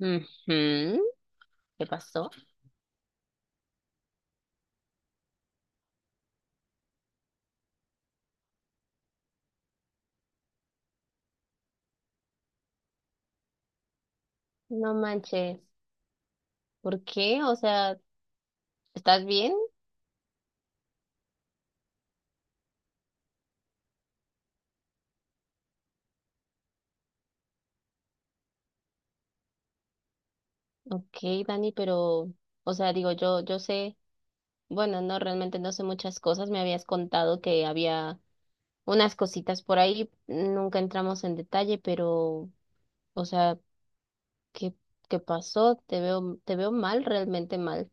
Ujú, ¿qué pasó? No manches. ¿Por qué? O sea, ¿estás bien? Ok, Dani, pero, o sea, digo, yo sé, bueno, no, realmente no sé muchas cosas. Me habías contado que había unas cositas por ahí. Nunca entramos en detalle, pero, o sea, ¿qué, ¿qué pasó? Te veo mal, realmente mal.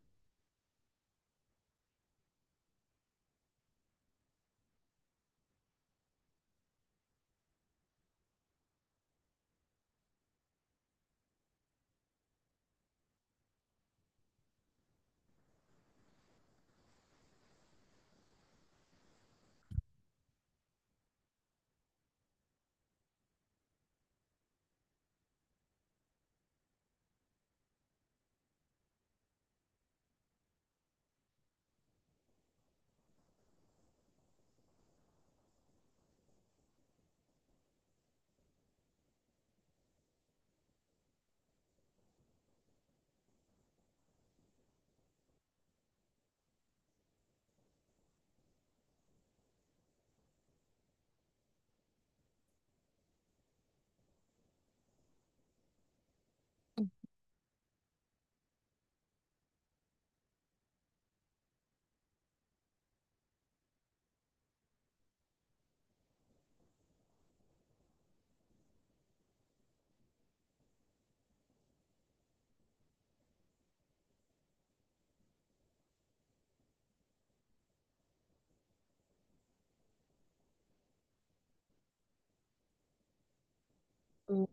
Mm,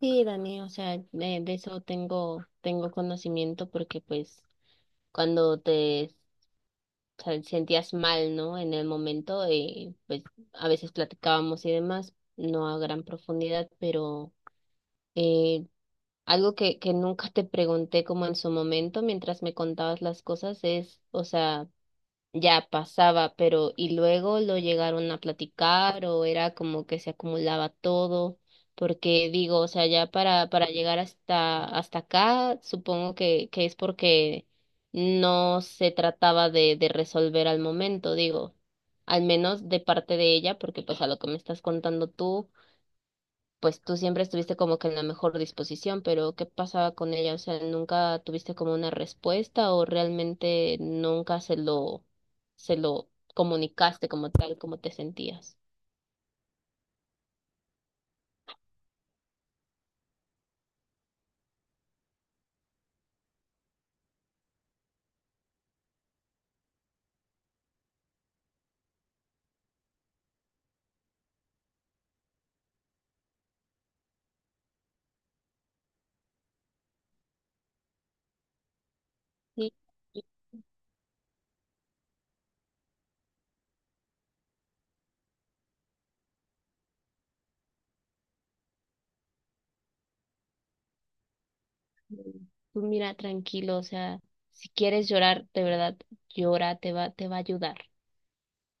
sí, Dani, o sea, de eso tengo, tengo conocimiento porque pues cuando te sea, sentías mal, ¿no? En el momento y pues a veces platicábamos y demás, no a gran profundidad, pero eh, algo que nunca te pregunté como en su momento mientras me contabas las cosas es, o sea, ya pasaba, pero y luego lo llegaron a platicar o era como que se acumulaba todo, porque digo, o sea, ya para llegar hasta acá, supongo que es porque no se trataba de resolver al momento, digo, al menos de parte de ella, porque pues a lo que me estás contando tú pues tú siempre estuviste como que en la mejor disposición, pero ¿qué pasaba con ella? O sea, ¿nunca tuviste como una respuesta o realmente nunca se lo comunicaste como tal, como te sentías? Sí, y tú mira, tranquilo, o sea, si quieres llorar, de verdad, llora, te va a ayudar.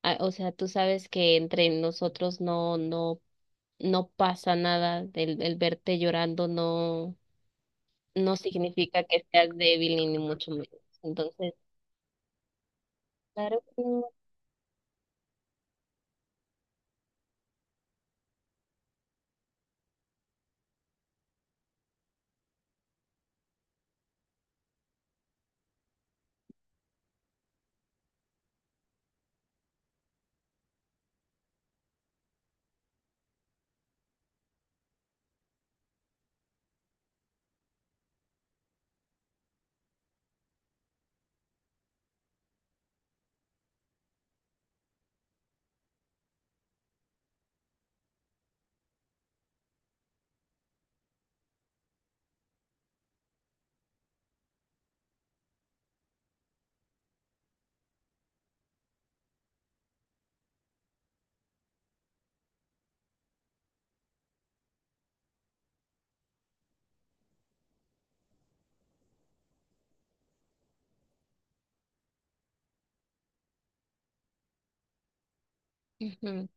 Ah, o sea, tú sabes que entre nosotros no pasa nada, el verte llorando no, no significa que seas débil ni mucho menos. Entonces, claro que no. Ujú.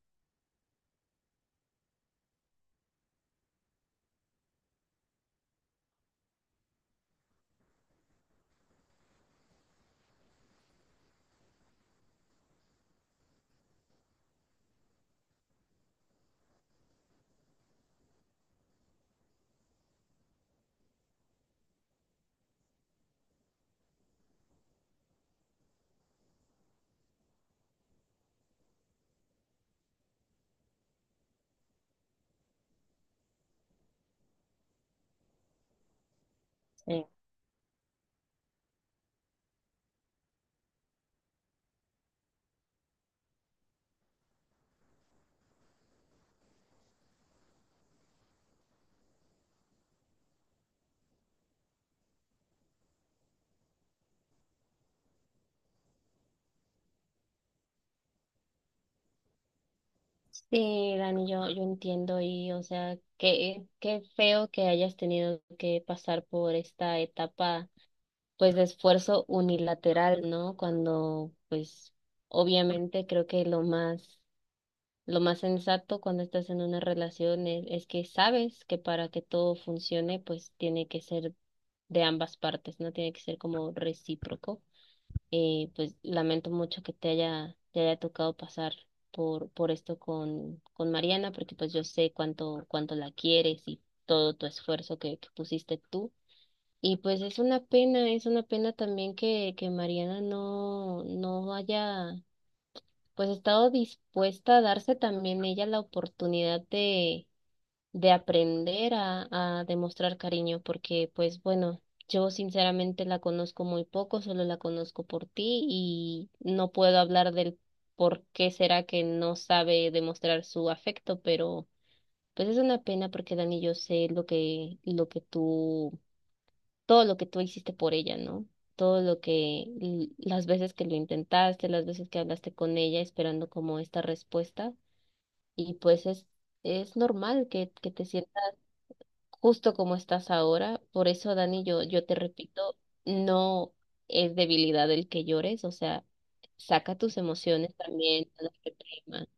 Sí. Sí, Dani, yo entiendo y, o sea, qué feo que hayas tenido que pasar por esta etapa, pues, de esfuerzo unilateral, ¿no? Cuando, pues, obviamente creo que lo más sensato cuando estás en una relación es que sabes que para que todo funcione, pues, tiene que ser de ambas partes, ¿no? Tiene que ser como recíproco. Y pues lamento mucho que te haya tocado pasar por esto con Mariana, porque pues yo sé cuánto, cuánto la quieres y todo tu esfuerzo que pusiste tú. Y pues es una pena también que Mariana no, no haya pues estado dispuesta a darse también ella la oportunidad de aprender a demostrar cariño, porque pues bueno, yo sinceramente la conozco muy poco, solo la conozco por ti y no puedo hablar del por qué será que no sabe demostrar su afecto, pero pues es una pena porque Dani, yo sé lo que tú, todo lo que tú hiciste por ella, ¿no? Todo lo que, l- las veces que lo intentaste, las veces que hablaste con ella esperando como esta respuesta y pues es normal que te sientas justo como estás ahora. Por eso, Dani, yo te repito, no es debilidad el que llores, o sea, saca tus emociones también, no las reprimas.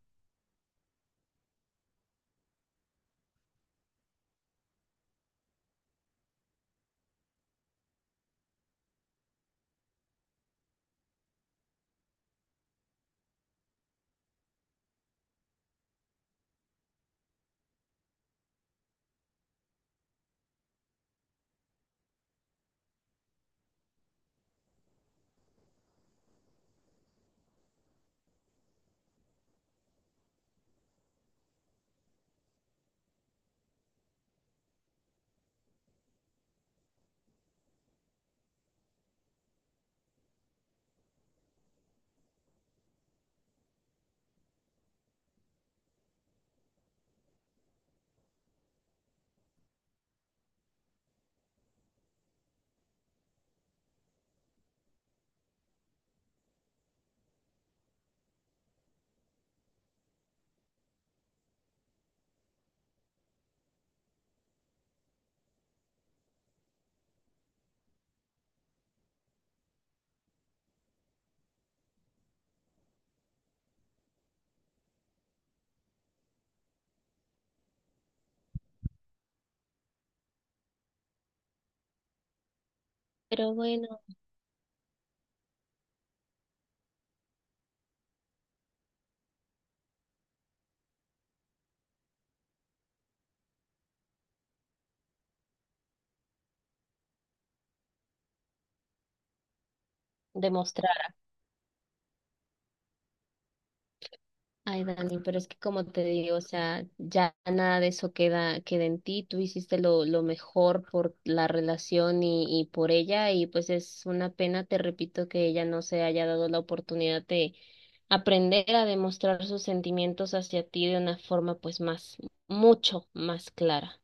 Pero bueno, demostrar. Ay, Dani, pero es que como te digo, o sea, ya nada de eso queda, queda en ti. Tú hiciste lo mejor por la relación y por ella, y pues es una pena, te repito, que ella no se haya dado la oportunidad de aprender a demostrar sus sentimientos hacia ti de una forma pues más, mucho más clara.